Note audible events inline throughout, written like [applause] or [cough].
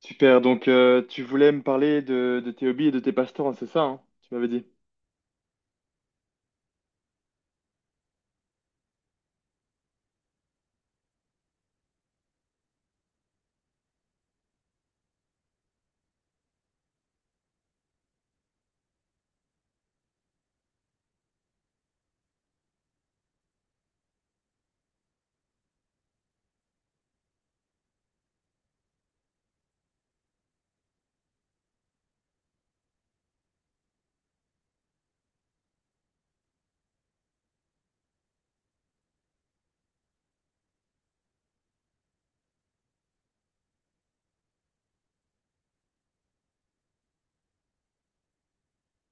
Super, tu voulais me parler de tes hobbies et de tes passe-temps, c'est ça, tu m'avais dit.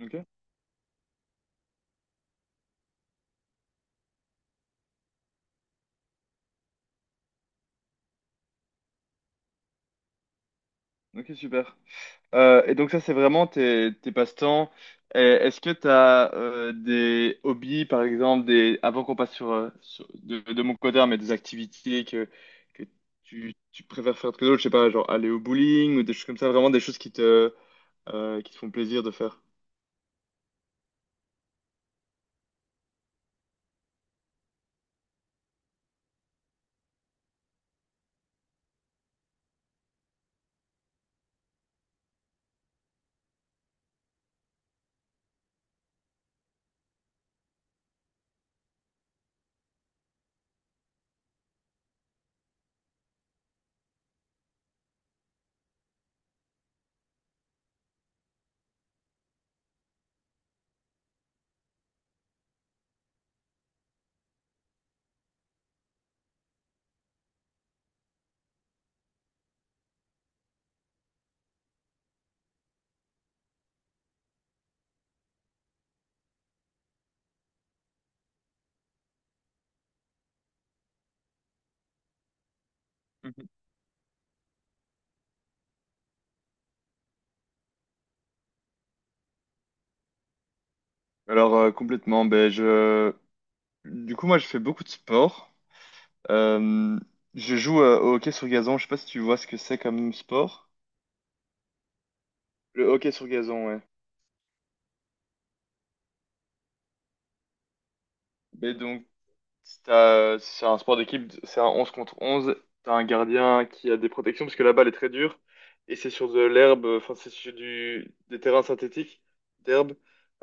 Ok, ok, super. Et donc ça, c'est vraiment tes passe-temps. Est-ce que tu as des hobbies, par exemple, avant qu'on passe sur, de mon côté, hein, mais des activités que tu préfères faire que d'autres, je sais pas, genre aller au bowling ou des choses comme ça, vraiment des choses qui te font plaisir de faire. Mhm. Alors, complètement, ben, je... du coup, moi, je fais beaucoup de sport. Euh, je joue au hockey sur gazon. Je sais pas si tu vois ce que c'est comme sport. Le hockey sur gazon, ouais. Mais donc, si t'as- c'est un sport d'équipe, c'est un 11 contre 11. T'as un gardien qui a des protections parce que la balle est très dure. Et c'est sur de l'herbe, enfin, c'est sur des terrains synthétiques d'herbe.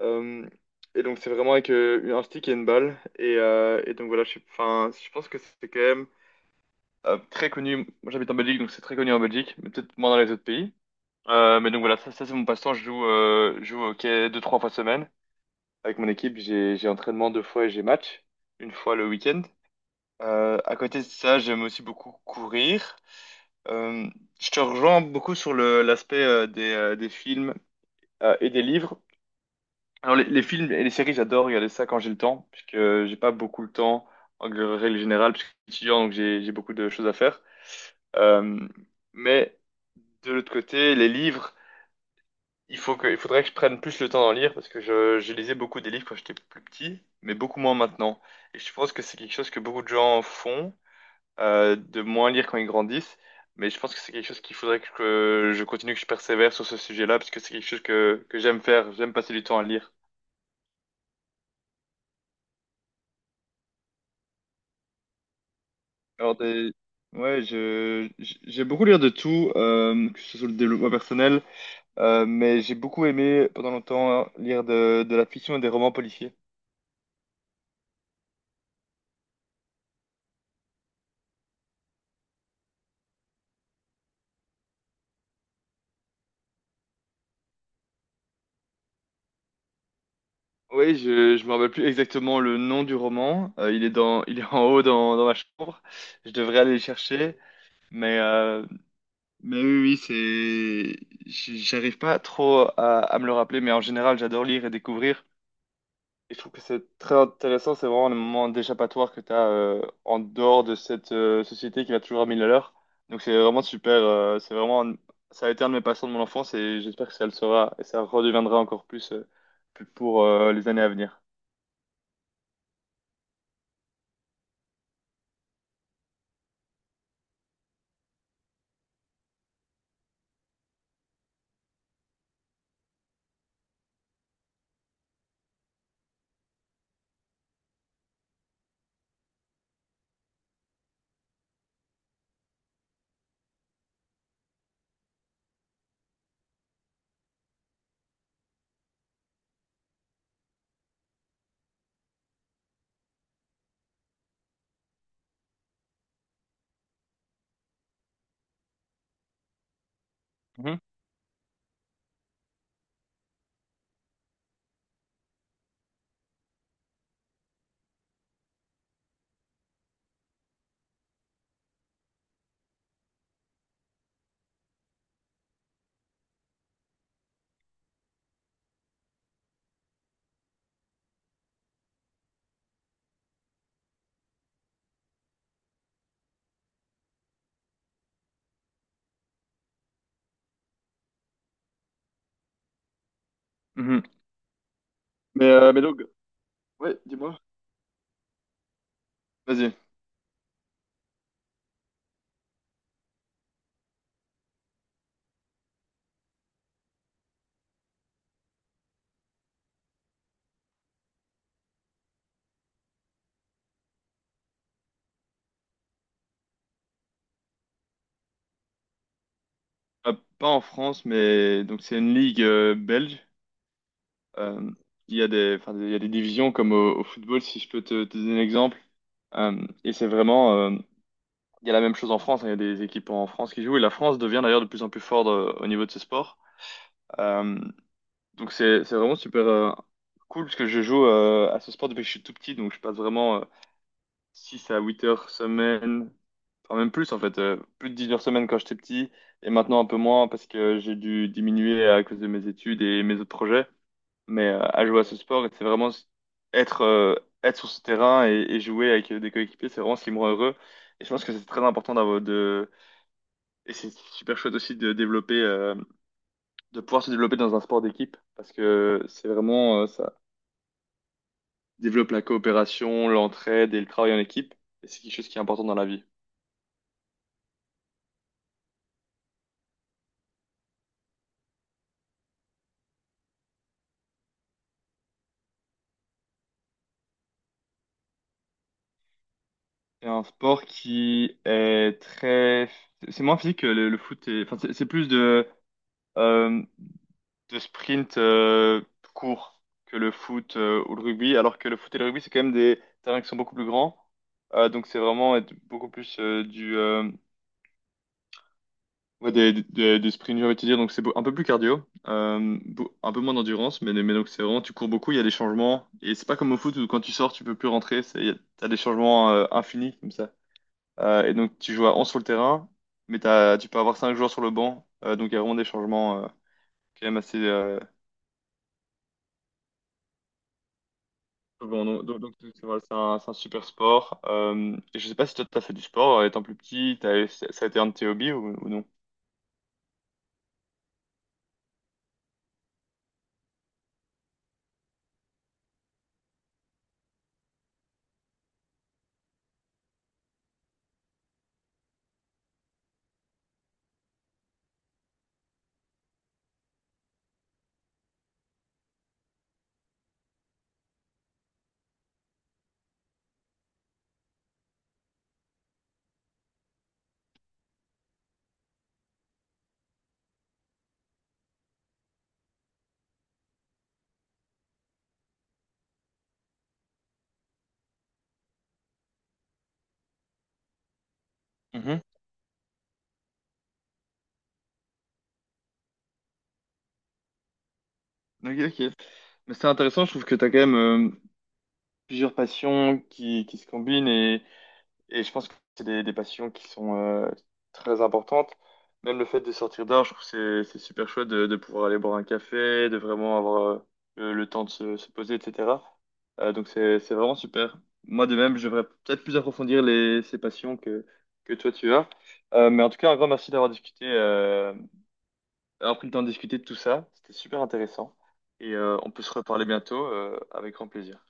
Euh, et donc, c'est vraiment avec un stick et une balle. Et donc, voilà, enfin, je pense que c'est quand même très connu. Moi, j'habite en Belgique, donc c'est très connu en Belgique, mais peut-être moins dans les autres pays. Mais donc voilà, ça c'est mon passe-temps. Je joue au hockey deux, trois fois semaine. Avec mon équipe, j'ai entraînement deux fois et j'ai match. Une fois le week-end. À côté de ça, j'aime aussi beaucoup courir. Euh, je te rejoins beaucoup sur l'aspect des films et des livres. Alors les films et les séries, j'adore regarder ça quand j'ai le temps, puisque j'ai pas beaucoup le temps en règle générale, puisque je suis étudiant, donc j'ai beaucoup de choses à faire. Euh, mais de l'autre côté, les livres. Il faudrait que je prenne plus le temps d'en lire parce que je lisais beaucoup des livres quand j'étais plus petit, mais beaucoup moins maintenant. Et je pense que c'est quelque chose que beaucoup de gens font, de moins lire quand ils grandissent. Mais je pense que c'est quelque chose qu'il faudrait que je continue, que je persévère sur ce sujet-là parce que c'est quelque chose que j'aime faire. J'aime passer du temps à lire. Alors, des- ouais, j'ai beaucoup lire de tout, que ce soit le développement personnel, mais j'ai beaucoup aimé pendant longtemps lire de la fiction et des romans policiers. Oui, je me rappelle plus exactement le nom du roman. Il est dans, [laughs] il est en haut dans ma chambre. Je devrais aller le chercher, mais euh, mais oui, oui, j'arrive pas trop à me le rappeler, mais en général, j'adore lire et découvrir. Et je trouve que c'est très intéressant. C'est vraiment le moment d'échappatoire que tu as en dehors de cette société qui va toujours à mille à l'heure. Donc c'est vraiment super. Ça a été un de mes passions de mon enfance et j'espère que ça le sera et ça redeviendra encore plus, pour les années à venir. Mhm. Mhm. Mais, ouais, dis-moi. Vas-y. Euh, pas en France, mais donc c'est une ligue belge. Euh, il y a des, enfin, il y a des divisions comme au football, si je peux te donner un exemple. Et c'est vraiment, il y a la même chose en France. Hein, il y a des équipes en France qui jouent. Et la France devient d'ailleurs de plus en plus forte au niveau de ce sport. Euh, donc c'est vraiment super cool parce que je joue à ce sport depuis que je suis tout petit. Donc je passe vraiment 6 à 8 heures semaine. Enfin, même plus en fait, plus de 10 heures semaine quand j'étais petit, et maintenant un peu moins parce que j'ai dû diminuer à cause de mes études et mes autres projets. À jouer à ce sport, c'est vraiment s- être, être sur ce terrain et jouer avec des coéquipiers, c'est vraiment ce qui me rend heureux. Et je pense que c'est très important d'avoir de... Et c'est super chouette aussi de développer, de pouvoir se développer dans un sport d'équipe parce que c'est vraiment, ça développe la coopération, l'entraide et le travail en équipe. Et c'est quelque chose qui est important dans la vie. C'est un sport qui est très... C'est moins physique que le foot. Enfin, c'est plus euh, de sprint court que le foot ou le rugby. Alors que le foot et le rugby, c'est quand même des terrains qui sont beaucoup plus grands. Donc c'est vraiment être beaucoup plus ouais, des sprints, j'ai envie de te dire. Donc un peu plus cardio. Un peu moins d'endurance. Mais donc c'est vraiment, tu cours beaucoup, il y a des changements. Et c'est pas comme au foot où quand tu sors, tu peux plus rentrer. T'as des changements infinis comme ça. Et donc tu joues à 11 sur le terrain, mais tu peux avoir 5 joueurs sur le banc. Donc il y a vraiment des changements quand même assez... donc, c'est voilà, c'est un super sport. Et je sais pas si toi t'as fait du sport étant plus petit, ça a été un de tes hobbies ou non? Mhm. Ok, ok. Mais c'est intéressant, je trouve que t'as quand même plusieurs passions qui se combinent et je pense que c'est des passions qui sont très importantes. Même le fait de sortir dehors, je trouve que c'est super chouette de pouvoir aller boire un café, de vraiment avoir le temps de se poser, etc. Donc c'est vraiment super. Moi de même, je devrais peut-être plus approfondir ces passions que toi tu as. Mais en tout cas, un grand merci d'avoir discuté, d'avoir pris le temps de discuter de tout ça. C'était super intéressant. On peut se reparler bientôt, avec grand plaisir.